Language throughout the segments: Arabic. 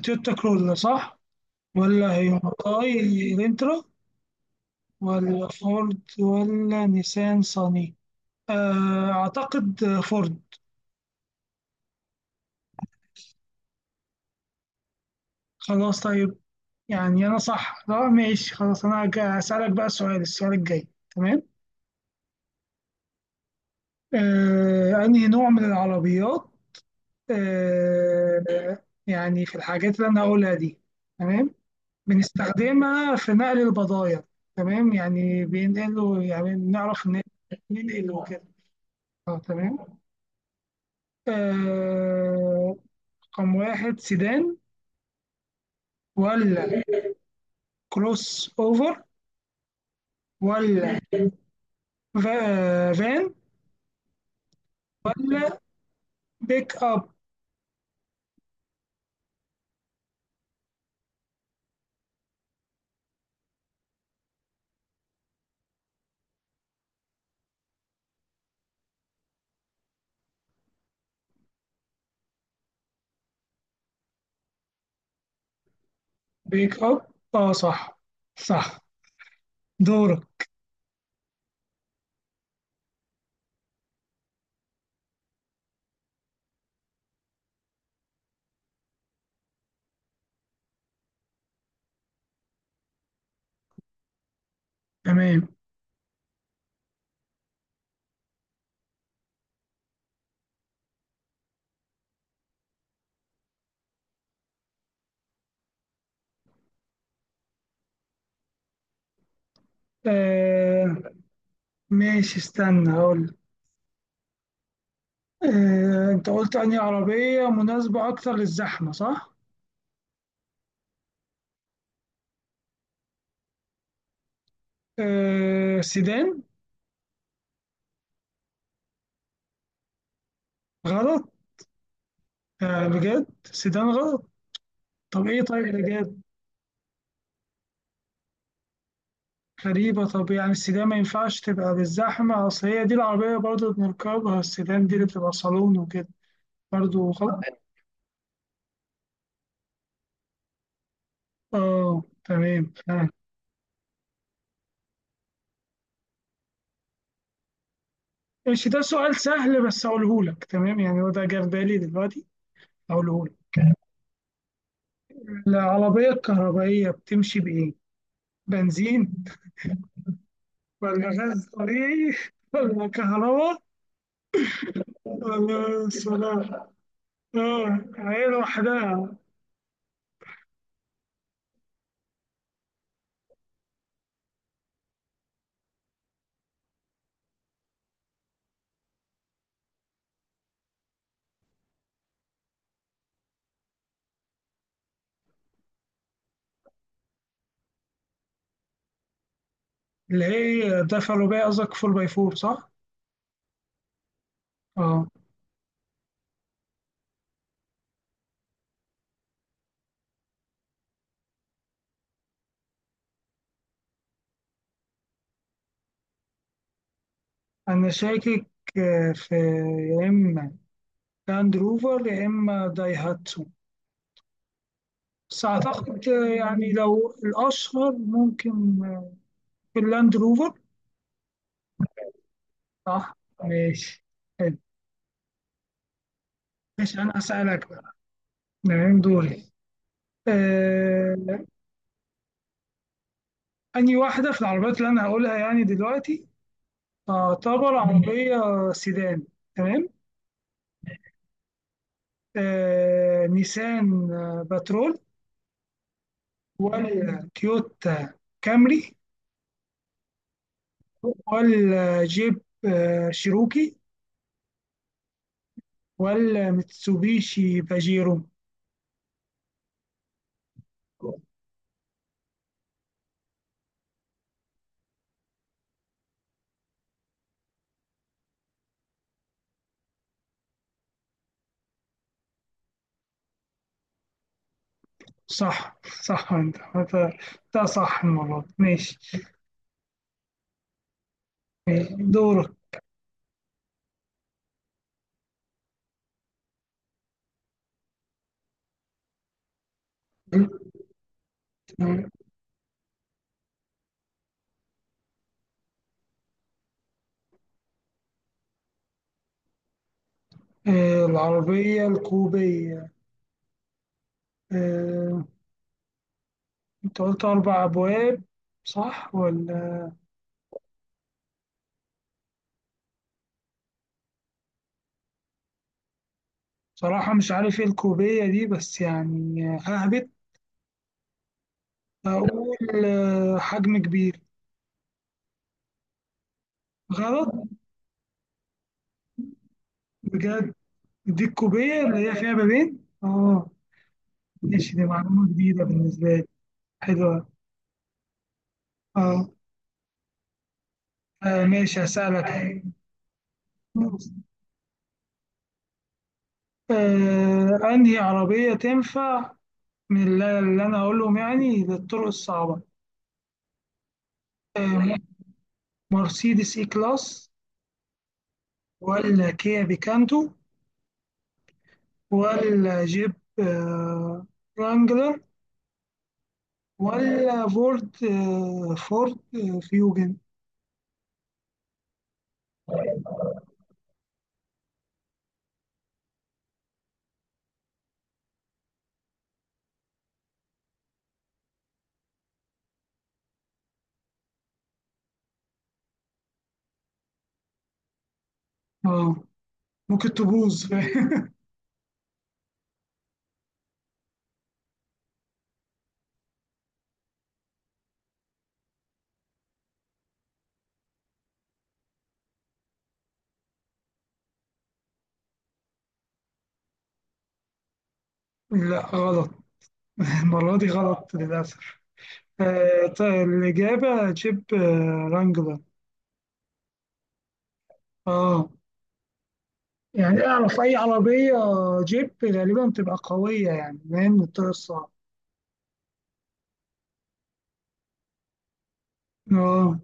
تويوتا كروسان والانترا، ولا فورد، ولا نيسان صاني. أعتقد فورد. خلاص طيب. يعني أنا صح؟ لا ماشي خلاص، أنا هسألك بقى السؤال الجاي. تمام. أنهي نوع من العربيات؟ يعني في الحاجات اللي أنا هقولها دي. تمام. بنستخدمها في نقل البضايع. تمام، يعني بينقلوا، يعني بنعرف إن ننقل وكده. تمام. آه، رقم واحد سيدان، ولا كروس اوفر، ولا فان، ولا بيك اب بيك اب. اه صح، صح. دورك. تمام. آه ماشي، استنى هقول. آه، انت قلت انهي عربية مناسبة اكتر للزحمة، صح؟ آه سيدان. غلط؟ بجد سيدان غلط؟ طب ايه طيب بجد؟ غريبة. طب يعني السيدان ما ينفعش تبقى بالزحمة؟ اصل هي دي العربية برضه بنركبها، السيدان دي اللي بتبقى صالون وكده. برضو خلاص. اه تمام، فاهم. ماشي، ده سؤال سهل بس اقوله لك. تمام، يعني هو ده جه في بالي دلوقتي، اقوله لك. العربية الكهربائية بتمشي بإيه؟ بنزين، ولا غاز طبيعي، ولا كهرباء، ولا سولار؟ اه هي لوحدها. اللي هي الدفع الرباعي، قصدك 4 باي 4 صح؟ اه انا شاكك، في. يا اما لاند روفر، يا اما دايهاتسو. بس أعتقد يعني، لو الأشهر ممكن اللاند روفر. صح. ماشي. حلو. ماشي، أنا هسألك بقى. نعم دوري. آه، أنهي واحدة في العربيات اللي أنا هقولها يعني دلوقتي تعتبر عربية سيدان؟ تمام. نيسان باترول، ولا تويوتا كامري، ولا جيب شيروكي، ولا ميتسوبيشي باجيرو؟ صح. صح. انت، ده صح المرة دي. ماشي. ماشي. دورك. العربية الكوبية. آه، انت قلت أربع أبواب، صح ولا؟ بصراحة مش عارف ايه الكوبية دي، بس يعني ههبط. أقول حجم كبير. غلط؟ بجد؟ دي الكوبية اللي هي فيها بابين، اه. ماشي، دي معلومة جديدة بالنسبة لي. حلوة. اه. ماشي هسألك. أنهي عربية تنفع من اللي أنا أقولهم يعني للطرق الصعبة؟ آه، مرسيدس إي كلاس، ولا كيا بيكانتو، ولا جيب آه، ورانجلر، ولا فورد فيوجن؟ آه، ممكن تبوظ لا غلط. المرة دي غلط للأسف. طيب الإجابة جيب رانجلر. آه. يعني أعرف أي عربية جيب غالبا بتبقى قوية، يعني فاهم من الطريق الصعب. اه،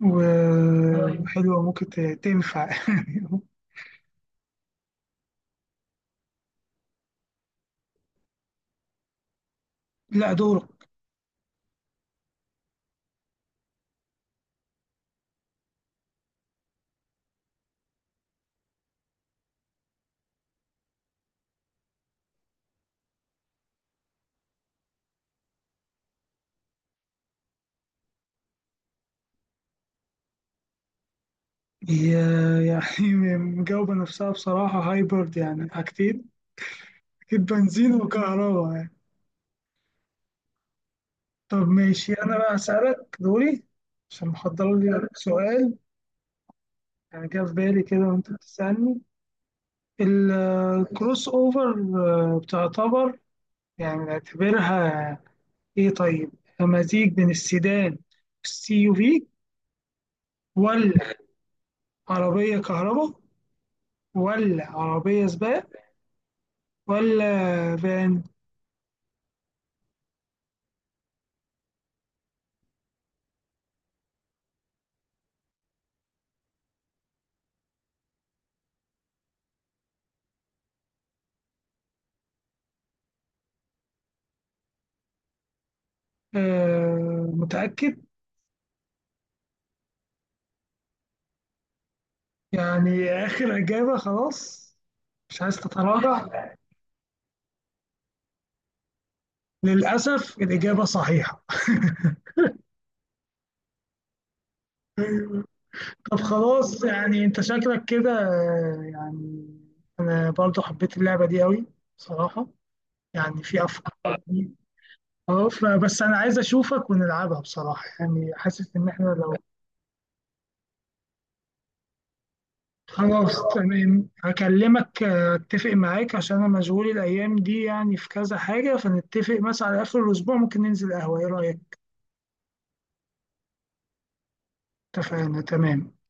وحلوة ممكن تنفع. لا دورك. هي يعني مجاوبة نفسها بصراحة، هايبرد يعني حاجتين، أكيد بنزين وكهرباء يعني. طب ماشي، أنا بقى أسألك دوري، عشان محضر لي سؤال. يعني جه في بالي كده وأنت بتسألني. الكروس أوفر بتعتبر، يعني نعتبرها إيه طيب؟ مزيج بين السيدان والسي يو في، ولا عربية كهرباء، ولا عربية سباق، ولا فان؟ آه متأكد؟ يعني آخر إجابة خلاص، مش عايز تتراجع؟ للأسف الإجابة صحيحة. طب خلاص، يعني أنت شكلك كده يعني. أنا برضو حبيت اللعبة دي أوي بصراحة، يعني في أفكار. اه، فبس انا عايز اشوفك ونلعبها بصراحة، يعني حاسس ان احنا لو. خلاص تمام، هكلمك اتفق معاك، عشان انا مشغول الايام دي يعني، في كذا حاجة، فنتفق مثلا على اخر الاسبوع ممكن ننزل قهوة. ايه رأيك؟ اتفقنا. تمام.